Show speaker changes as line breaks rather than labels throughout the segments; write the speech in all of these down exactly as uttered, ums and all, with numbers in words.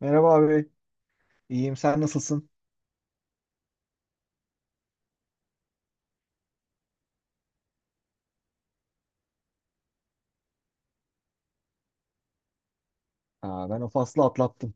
Merhaba abi. İyiyim. Sen nasılsın? Aa, ben o faslı atlattım.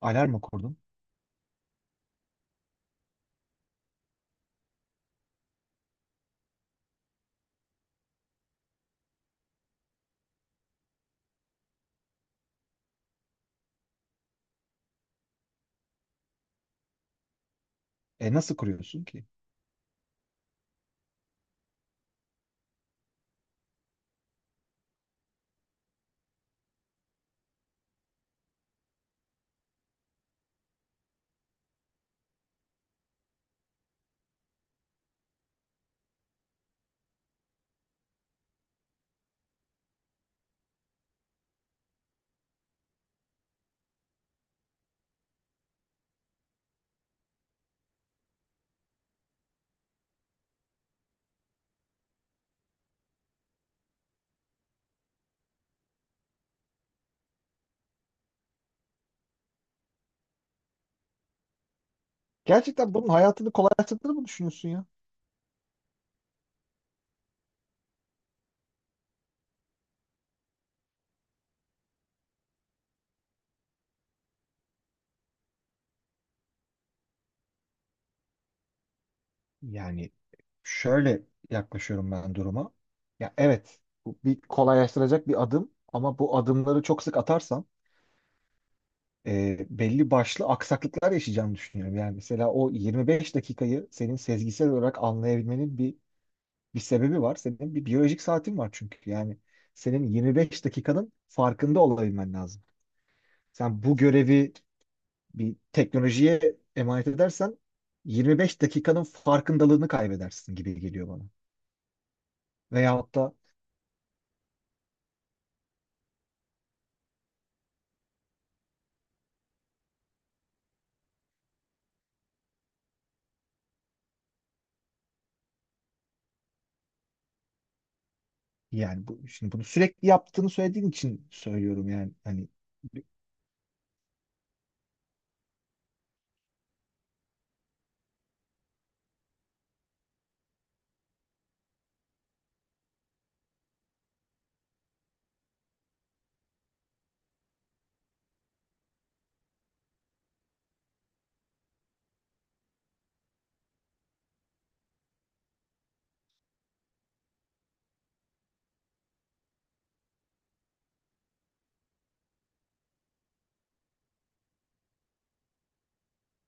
Alarm mı kurdun? E nasıl kuruyorsun ki? Gerçekten bunun hayatını kolaylaştırdığını mı düşünüyorsun ya? Yani şöyle yaklaşıyorum ben duruma. Ya evet, bu bir kolaylaştıracak bir adım ama bu adımları çok sık atarsam e, belli başlı aksaklıklar yaşayacağımı düşünüyorum. Yani mesela o yirmi beş dakikayı senin sezgisel olarak anlayabilmenin bir bir sebebi var. Senin bir biyolojik saatin var çünkü. Yani senin yirmi beş dakikanın farkında olabilmen lazım. Sen bu görevi bir teknolojiye emanet edersen yirmi beş dakikanın farkındalığını kaybedersin gibi geliyor bana. Veyahut da yani bu, şimdi bunu sürekli yaptığını söylediğin için söylüyorum yani hani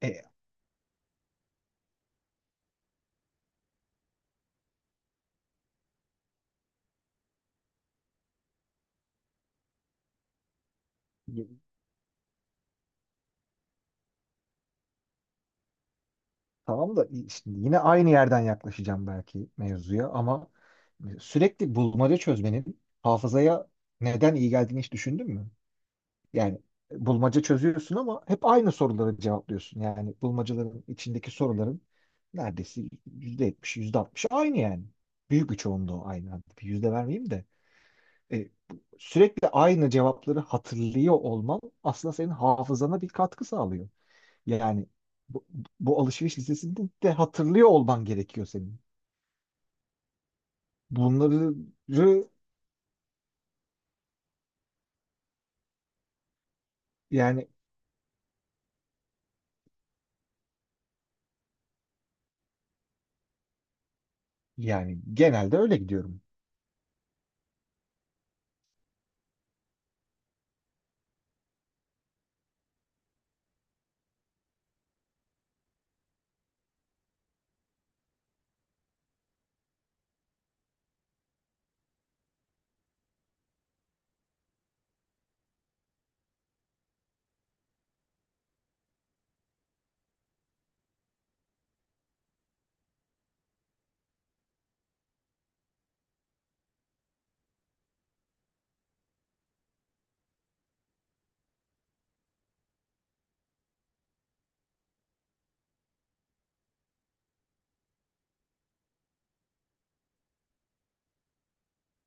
e, e, tamam da şimdi yine aynı yerden yaklaşacağım belki mevzuya ama sürekli bulmaca çözmenin hafızaya neden iyi geldiğini hiç düşündün mü? Yani bulmaca çözüyorsun ama hep aynı soruları cevaplıyorsun. Yani bulmacaların içindeki soruların neredeyse yüzde yetmiş, yüzde altmış aynı yani. Büyük bir çoğunluğu aynı. Hadi bir yüzde vermeyeyim de. E, Sürekli aynı cevapları hatırlıyor olman aslında senin hafızana bir katkı sağlıyor. Yani bu, bu alışveriş listesinde de hatırlıyor olman gerekiyor senin. Bunları. Yani yani genelde öyle gidiyorum.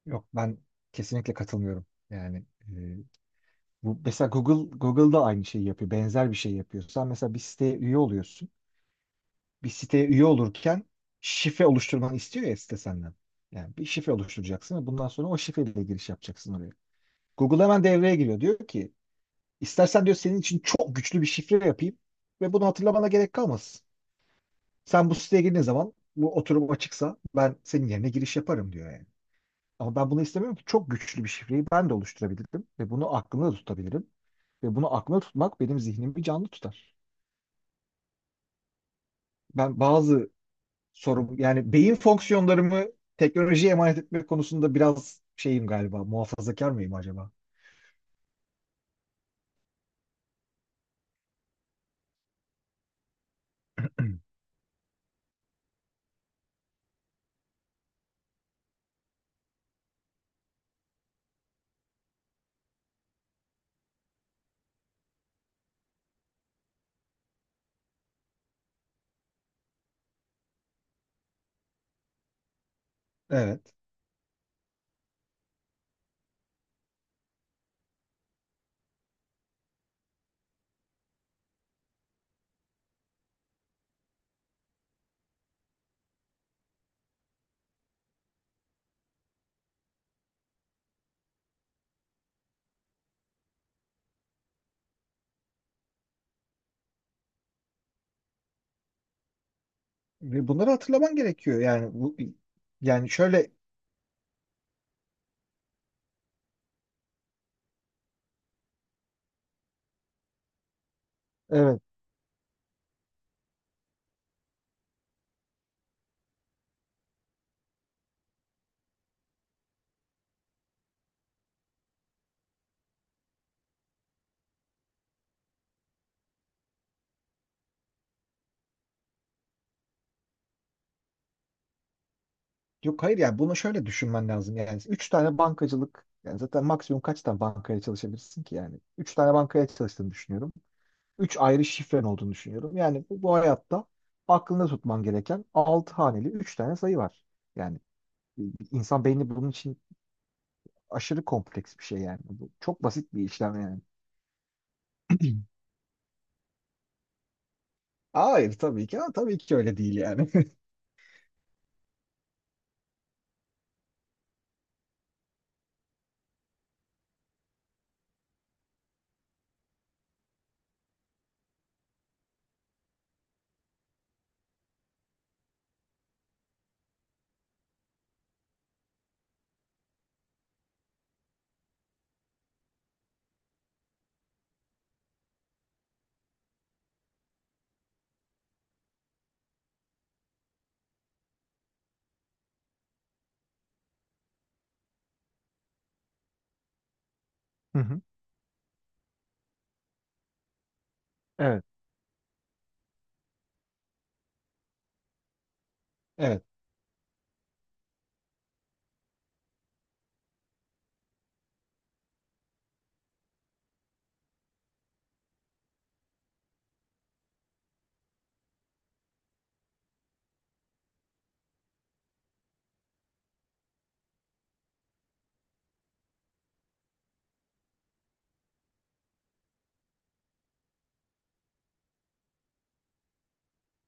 Yok ben kesinlikle katılmıyorum. Yani bu, mesela Google Google'da aynı şeyi yapıyor. Benzer bir şey yapıyor. Sen mesela bir siteye üye oluyorsun. Bir siteye üye olurken şifre oluşturmanı istiyor ya site senden. Yani bir şifre oluşturacaksın ve bundan sonra o şifreyle giriş yapacaksın oraya. Google hemen devreye giriyor. Diyor ki istersen diyor senin için çok güçlü bir şifre yapayım ve bunu hatırlamana gerek kalmasın. Sen bu siteye girdiğin zaman bu oturum açıksa ben senin yerine giriş yaparım diyor yani. Ama ben bunu istemiyorum ki çok güçlü bir şifreyi ben de oluşturabilirim ve bunu aklımda tutabilirim. Ve bunu aklımda tutmak benim zihnimi canlı tutar. Ben bazı sorum yani beyin fonksiyonlarımı teknolojiye emanet etmek konusunda biraz şeyim galiba muhafazakar mıyım acaba? Evet. Ve bunları hatırlaman gerekiyor. Yani bu, yani şöyle, evet. Yok hayır yani bunu şöyle düşünmen lazım. Yani üç tane bankacılık yani zaten maksimum kaç tane bankaya çalışabilirsin ki yani? Üç tane bankaya çalıştığını düşünüyorum. Üç ayrı şifren olduğunu düşünüyorum. Yani bu, bu hayatta aklında tutman gereken altı haneli üç tane sayı var. Yani e, insan beyni bunun için aşırı kompleks bir şey yani. Bu çok basit bir işlem yani. Hayır tabii ki. Ha, tabii ki öyle değil yani. Hı hı. Evet, evet,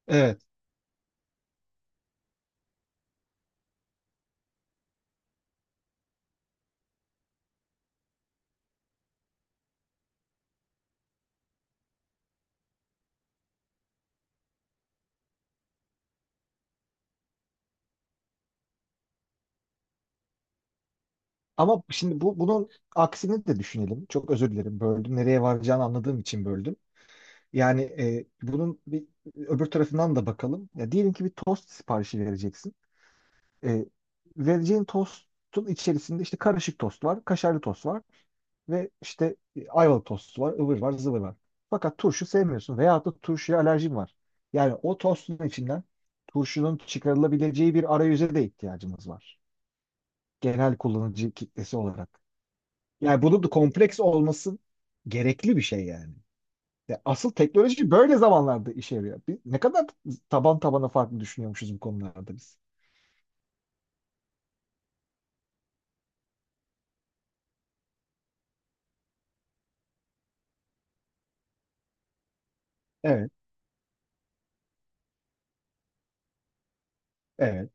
evet. Ama şimdi bu, bunun aksini de düşünelim. Çok özür dilerim böldüm. Nereye varacağını anladığım için böldüm. Yani e, bunun bir öbür tarafından da bakalım. Ya diyelim ki bir tost siparişi vereceksin. E, Vereceğin tostun içerisinde işte karışık tost var, kaşarlı tost var ve işte e, ayvalık tostu var, ıvır var, zıvır var. Fakat turşu sevmiyorsun veyahut da turşuya alerjin var. Yani o tostun içinden turşunun çıkarılabileceği bir arayüze de ihtiyacımız var. Genel kullanıcı kitlesi olarak. Yani bunun da kompleks olması gerekli bir şey yani. Ya asıl teknoloji böyle zamanlarda işe yarıyor. Biz ne kadar taban tabana farklı düşünüyormuşuz bu konularda biz. Evet, evet.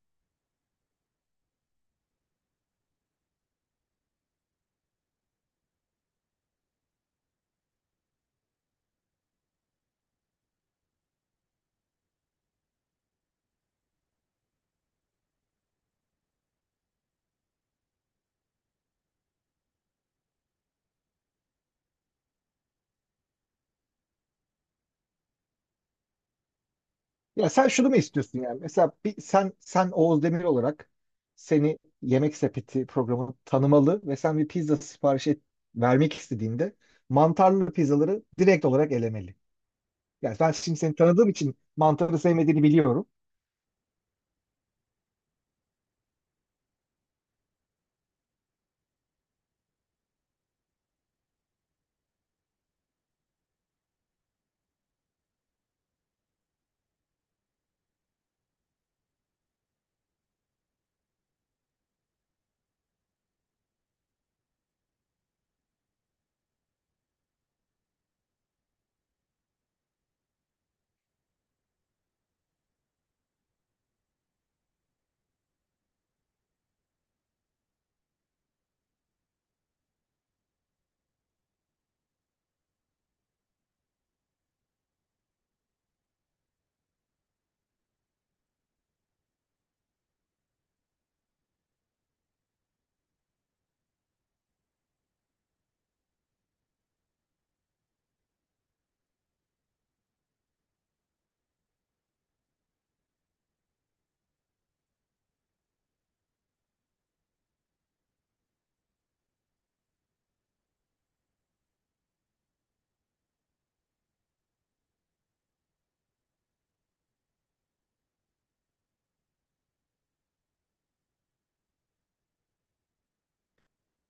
Ya sen şunu mu istiyorsun yani? Mesela bir, sen sen Oğuz Demir olarak seni Yemek Sepeti programı tanımalı ve sen bir pizza sipariş et, vermek istediğinde mantarlı pizzaları direkt olarak elemeli. Yani ben şimdi seni tanıdığım için mantarı sevmediğini biliyorum.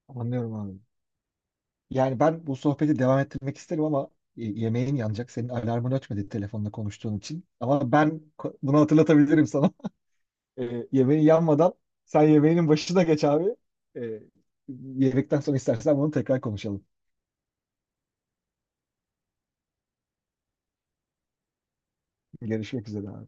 Anlıyorum abi. Yani ben bu sohbeti devam ettirmek isterim ama e, yemeğin yanacak. Senin alarmın ötmedi telefonla konuştuğun için. Ama ben ko- bunu hatırlatabilirim sana. E, yemeği yanmadan sen yemeğinin başına geç abi. E, Yemekten sonra istersen bunu tekrar konuşalım. Görüşmek üzere abi.